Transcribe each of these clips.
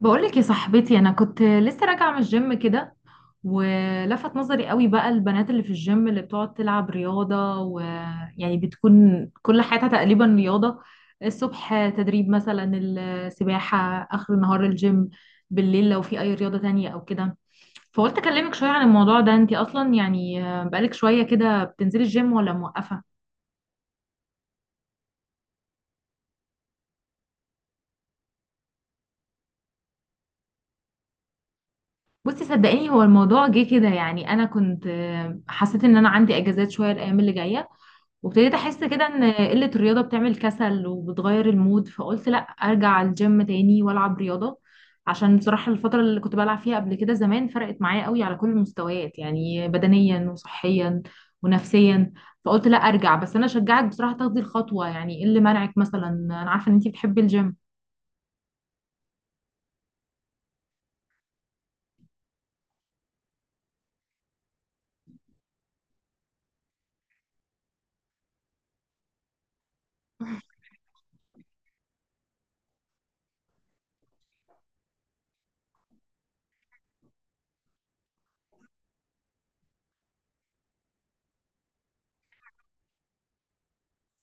بقولك يا صاحبتي، انا كنت لسه راجعه من الجيم كده. ولفت نظري قوي بقى البنات اللي في الجيم اللي بتقعد تلعب رياضه ويعني بتكون كل حياتها تقريبا رياضه. الصبح تدريب مثلا، السباحه، اخر النهار الجيم، بالليل لو في اي رياضه تانية او كده. فقلت اكلمك شويه عن الموضوع ده. انتي اصلا يعني بقالك شويه كده بتنزلي الجيم ولا موقفه؟ بصي صدقيني هو الموضوع جه كده، يعني انا كنت حسيت ان انا عندي اجازات شويه الايام اللي جايه، وابتديت احس كده ان قله الرياضه بتعمل كسل وبتغير المود، فقلت لا ارجع الجيم تاني والعب رياضه. عشان بصراحه الفتره اللي كنت بلعب فيها قبل كده زمان فرقت معايا قوي على كل المستويات، يعني بدنيا وصحيا ونفسيا. فقلت لا ارجع. بس انا شجعك بصراحه تاخدي الخطوه، يعني ايه اللي منعك مثلا؟ انا عارفه ان انتي بتحبي الجيم.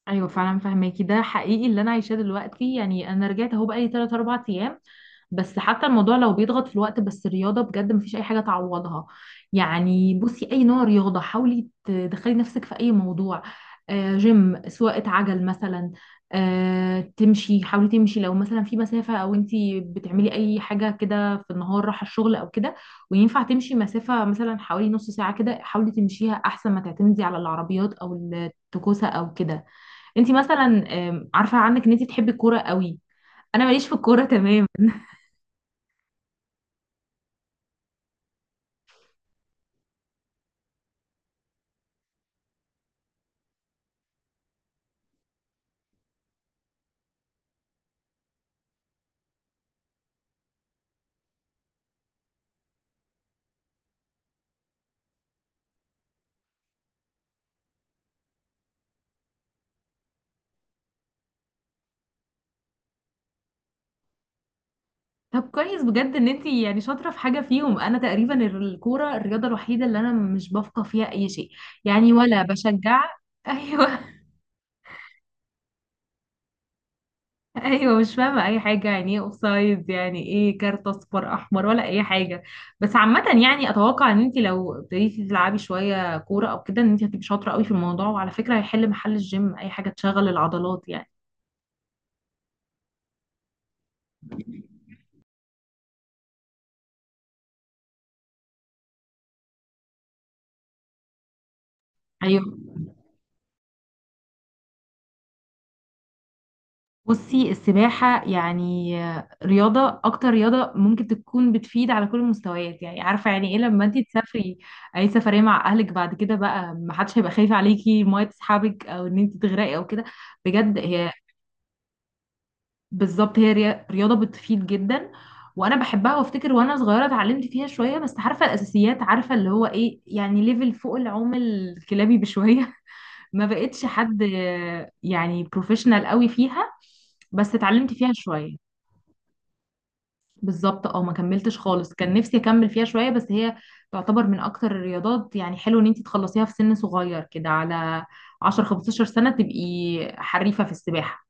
ايوه فعلا فهماكي، ده حقيقي اللي انا عايشاه دلوقتي، يعني انا رجعت اهو بقالي 3 4 ايام. بس حتى الموضوع لو بيضغط في الوقت، بس الرياضة بجد مفيش أي حاجة تعوضها. يعني بصي، أي نوع رياضة حاولي تدخلي نفسك في أي موضوع. آه، جيم، سواقة عجل مثلا، آه تمشي، حاولي تمشي لو مثلا في مسافة، أو أنتي بتعملي أي حاجة كده في النهار، رايحة الشغل أو كده، وينفع تمشي مسافة مثلا حوالي نص ساعة كده، حاولي تمشيها أحسن ما تعتمدي على العربيات أو التكوسة أو كده. أنتي مثلا عارفة عنك إن أنتي بتحبي الكورة قوي. أنا ماليش في الكورة تمام. طب كويس بجد ان انتي يعني شاطره في حاجه فيهم. انا تقريبا الكوره الرياضه الوحيده اللي انا مش بفقه فيها اي شيء، يعني ولا بشجع. ايوه ايوه مش فاهمه اي حاجه، يعني ايه اوفسايد، يعني ايه كارت اصفر احمر، ولا اي حاجه. بس عامه يعني اتوقع ان انتي لو ابتديتي تلعبي شويه كوره او كده ان انتي هتبقي شاطره قوي في الموضوع. وعلى فكره هيحل محل الجيم اي حاجه تشغل العضلات يعني. ايوه بصي، السباحة يعني رياضة، أكتر رياضة ممكن تكون بتفيد على كل المستويات، يعني عارفة يعني إيه لما أنتي تسافري أي سفرية مع أهلك؟ بعد كده بقى محدش هيبقى خايف عليكي المية تسحبك أو إن أنتي تغرقي أو كده. بجد هي بالظبط هي رياضة بتفيد جدا. وأنا بحبها، وأفتكر وأنا صغيرة اتعلمت فيها شوية. بس عارفة الأساسيات، عارفة اللي هو إيه، يعني ليفل فوق العوم الكلابي بشوية ما بقتش حد يعني بروفيشنال قوي فيها، بس اتعلمت فيها شوية. بالظبط، اه ما كملتش خالص، كان نفسي اكمل فيها شويه. بس هي تعتبر من اكتر الرياضات، يعني حلو ان انت تخلصيها في سن صغير كده، على 10 15 سنه تبقي حريفه في السباحه.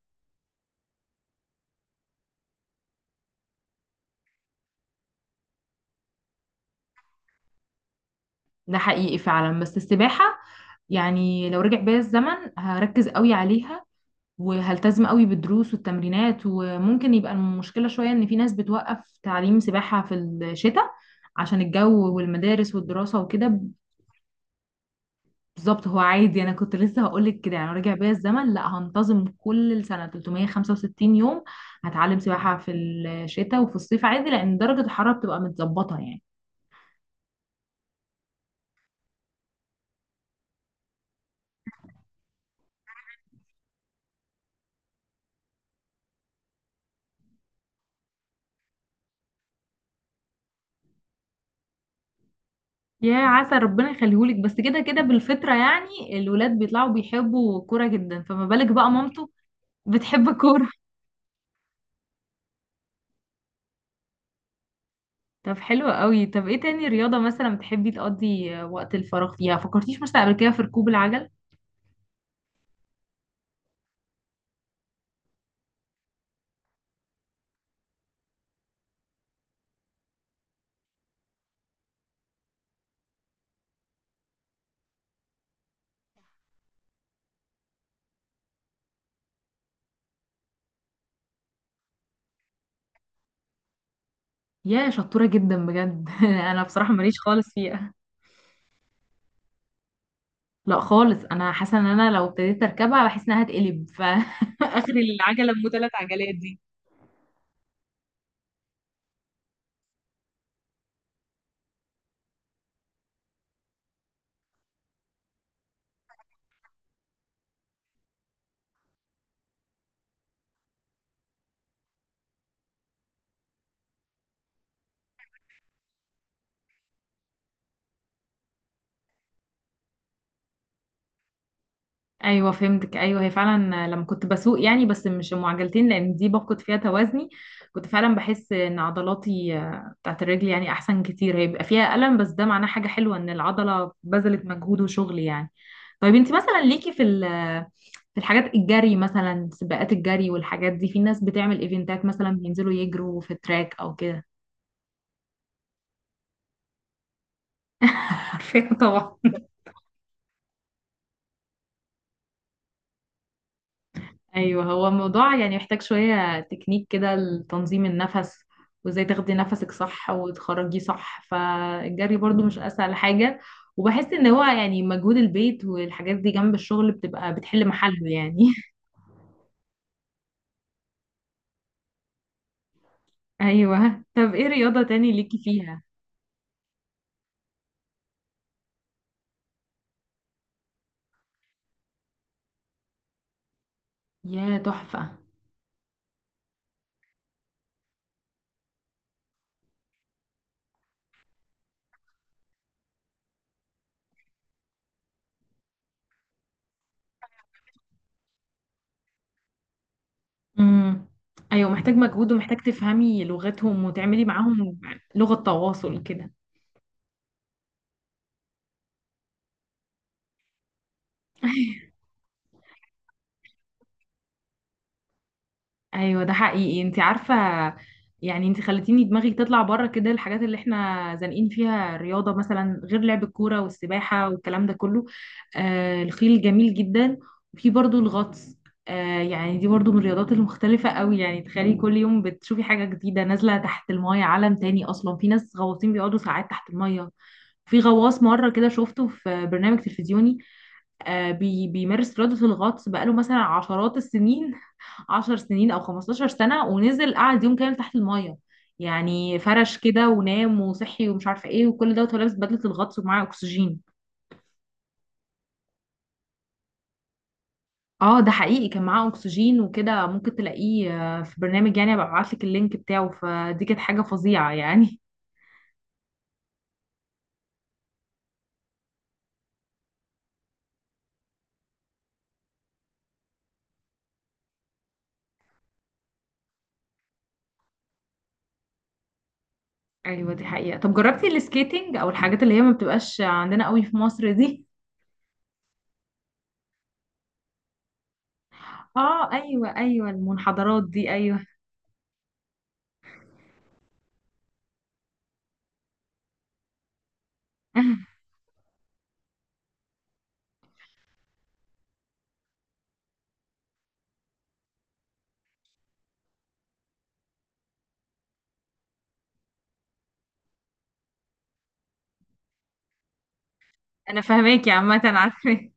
ده حقيقي فعلا، بس السباحه يعني لو رجع بيا الزمن هركز قوي عليها، وهلتزم قوي بالدروس والتمرينات. وممكن يبقى المشكله شويه ان في ناس بتوقف تعليم سباحه في الشتاء عشان الجو والمدارس والدراسه وكده. بالظبط، هو عادي، انا كنت لسه هقولك كده. يعني لو رجع بيا الزمن لا هنتظم كل سنه 365 يوم، هتعلم سباحه في الشتاء وفي الصيف عادي، لان درجه الحراره بتبقى متظبطه يعني. يا عسى ربنا يخليهولك. بس كده كده بالفطره يعني الولاد بيطلعوا بيحبوا كوره جدا، فما بالك بقى مامته بتحب الكوره طب حلو قوي. طب ايه تاني رياضه مثلا بتحبي تقضي وقت الفراغ فيها؟ فكرتيش مثلا قبل كده في ركوب العجل؟ يا شطوره جدا بجد انا بصراحه ماليش خالص فيها. لا خالص، انا حاسه ان انا لو ابتديت اركبها بحس انها هتقلب فاخر العجله ام ثلاث عجلات دي. ايوه فهمتك، ايوه هي فعلا لما كنت بسوق يعني، بس مش معجلتين لان دي بفقد فيها توازني. كنت فعلا بحس ان عضلاتي بتاعت الرجل يعني احسن كتير. هي بيبقى فيها الم، بس ده معناه حاجه حلوه، ان العضله بذلت مجهود وشغل يعني. طيب انت مثلا ليكي في في الحاجات، الجري مثلا، سباقات الجري والحاجات دي، في ناس بتعمل ايفنتات مثلا بينزلوا يجروا في التراك او كده؟ عارفه طبعا. ايوه هو الموضوع يعني محتاج شويه تكنيك كده، لتنظيم النفس وازاي تاخدي نفسك صح وتخرجيه صح، فالجري برضو مش اسهل حاجه. وبحس ان هو يعني مجهود البيت والحاجات دي جنب الشغل بتبقى بتحل محله يعني ايوه، طب ايه رياضه تاني ليكي فيها؟ يا تحفه. امم، ايوه محتاج مجهود، ومحتاج تفهمي لغتهم وتعملي معاهم لغه تواصل كده. ايوه ده حقيقي، انت عارفه يعني انت خلتيني دماغي تطلع بره كده الحاجات اللي احنا زانقين فيها الرياضه مثلا، غير لعب الكوره والسباحه والكلام ده كله. آه الخيل جميل جدا. وفي برضو الغطس، آه يعني دي برضو من الرياضات المختلفه قوي. يعني تخيلي كل يوم بتشوفي حاجه جديده نازله تحت المايه، عالم تاني اصلا. في ناس غواصين بيقعدوا ساعات تحت المايه. في غواص مرة كده شفته في برنامج تلفزيوني، آه بيمارس رياضة الغطس بقاله مثلا عشرات السنين، 10 سنين او 15 سنة، ونزل قعد يوم كامل تحت المية. يعني فرش كده ونام وصحي ومش عارفة ايه وكل دوت، وهو لابس بدلة الغطس ومعاه اكسجين. اه ده حقيقي كان معاه اكسجين وكده. ممكن تلاقيه في برنامج، يعني ابقى ابعتلك اللينك بتاعه. فدي كانت حاجة فظيعة يعني ايوه دي حقيقة. طب جربتي السكيتنج او الحاجات اللي هي ما بتبقاش عندنا قوي في مصر دي؟ اه ايوه ايوه، المنحدرات دي، ايوه انا فاهماكي عامة، عارفة.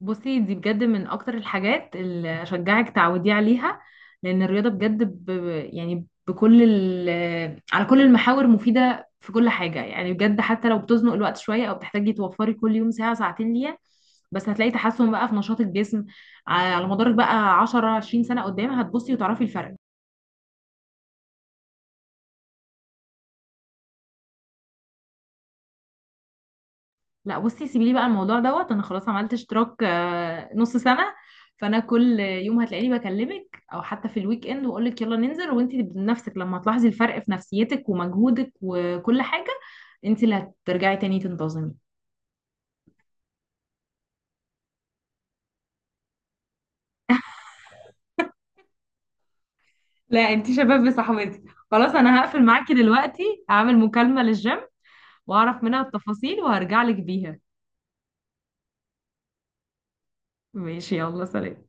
بصي دي بجد من اكتر الحاجات اللي اشجعك تعودي عليها، لان الرياضه بجد ب... يعني بكل ال... على كل المحاور مفيده في كل حاجه يعني. بجد حتى لو بتزنق الوقت شويه او بتحتاجي توفري كل يوم ساعه ساعتين ليها، بس هتلاقي تحسن بقى في نشاط الجسم. على مدارك بقى 10 20 سنه قدام هتبصي وتعرفي الفرق. لا بصي سيبي لي بقى الموضوع دوت، انا خلاص عملت اشتراك نص سنة. فانا كل يوم هتلاقيني بكلمك، او حتى في الويك اند واقول لك يلا ننزل، وانت بنفسك لما هتلاحظي الفرق في نفسيتك ومجهودك وكل حاجة، انت اللي هترجعي تاني تنتظمي. لا انتي شباب صاحبتي. خلاص انا هقفل معاكي دلوقتي، هعمل مكالمة للجيم واعرف منها التفاصيل وهرجع لك بيها. ماشي يلا سلام.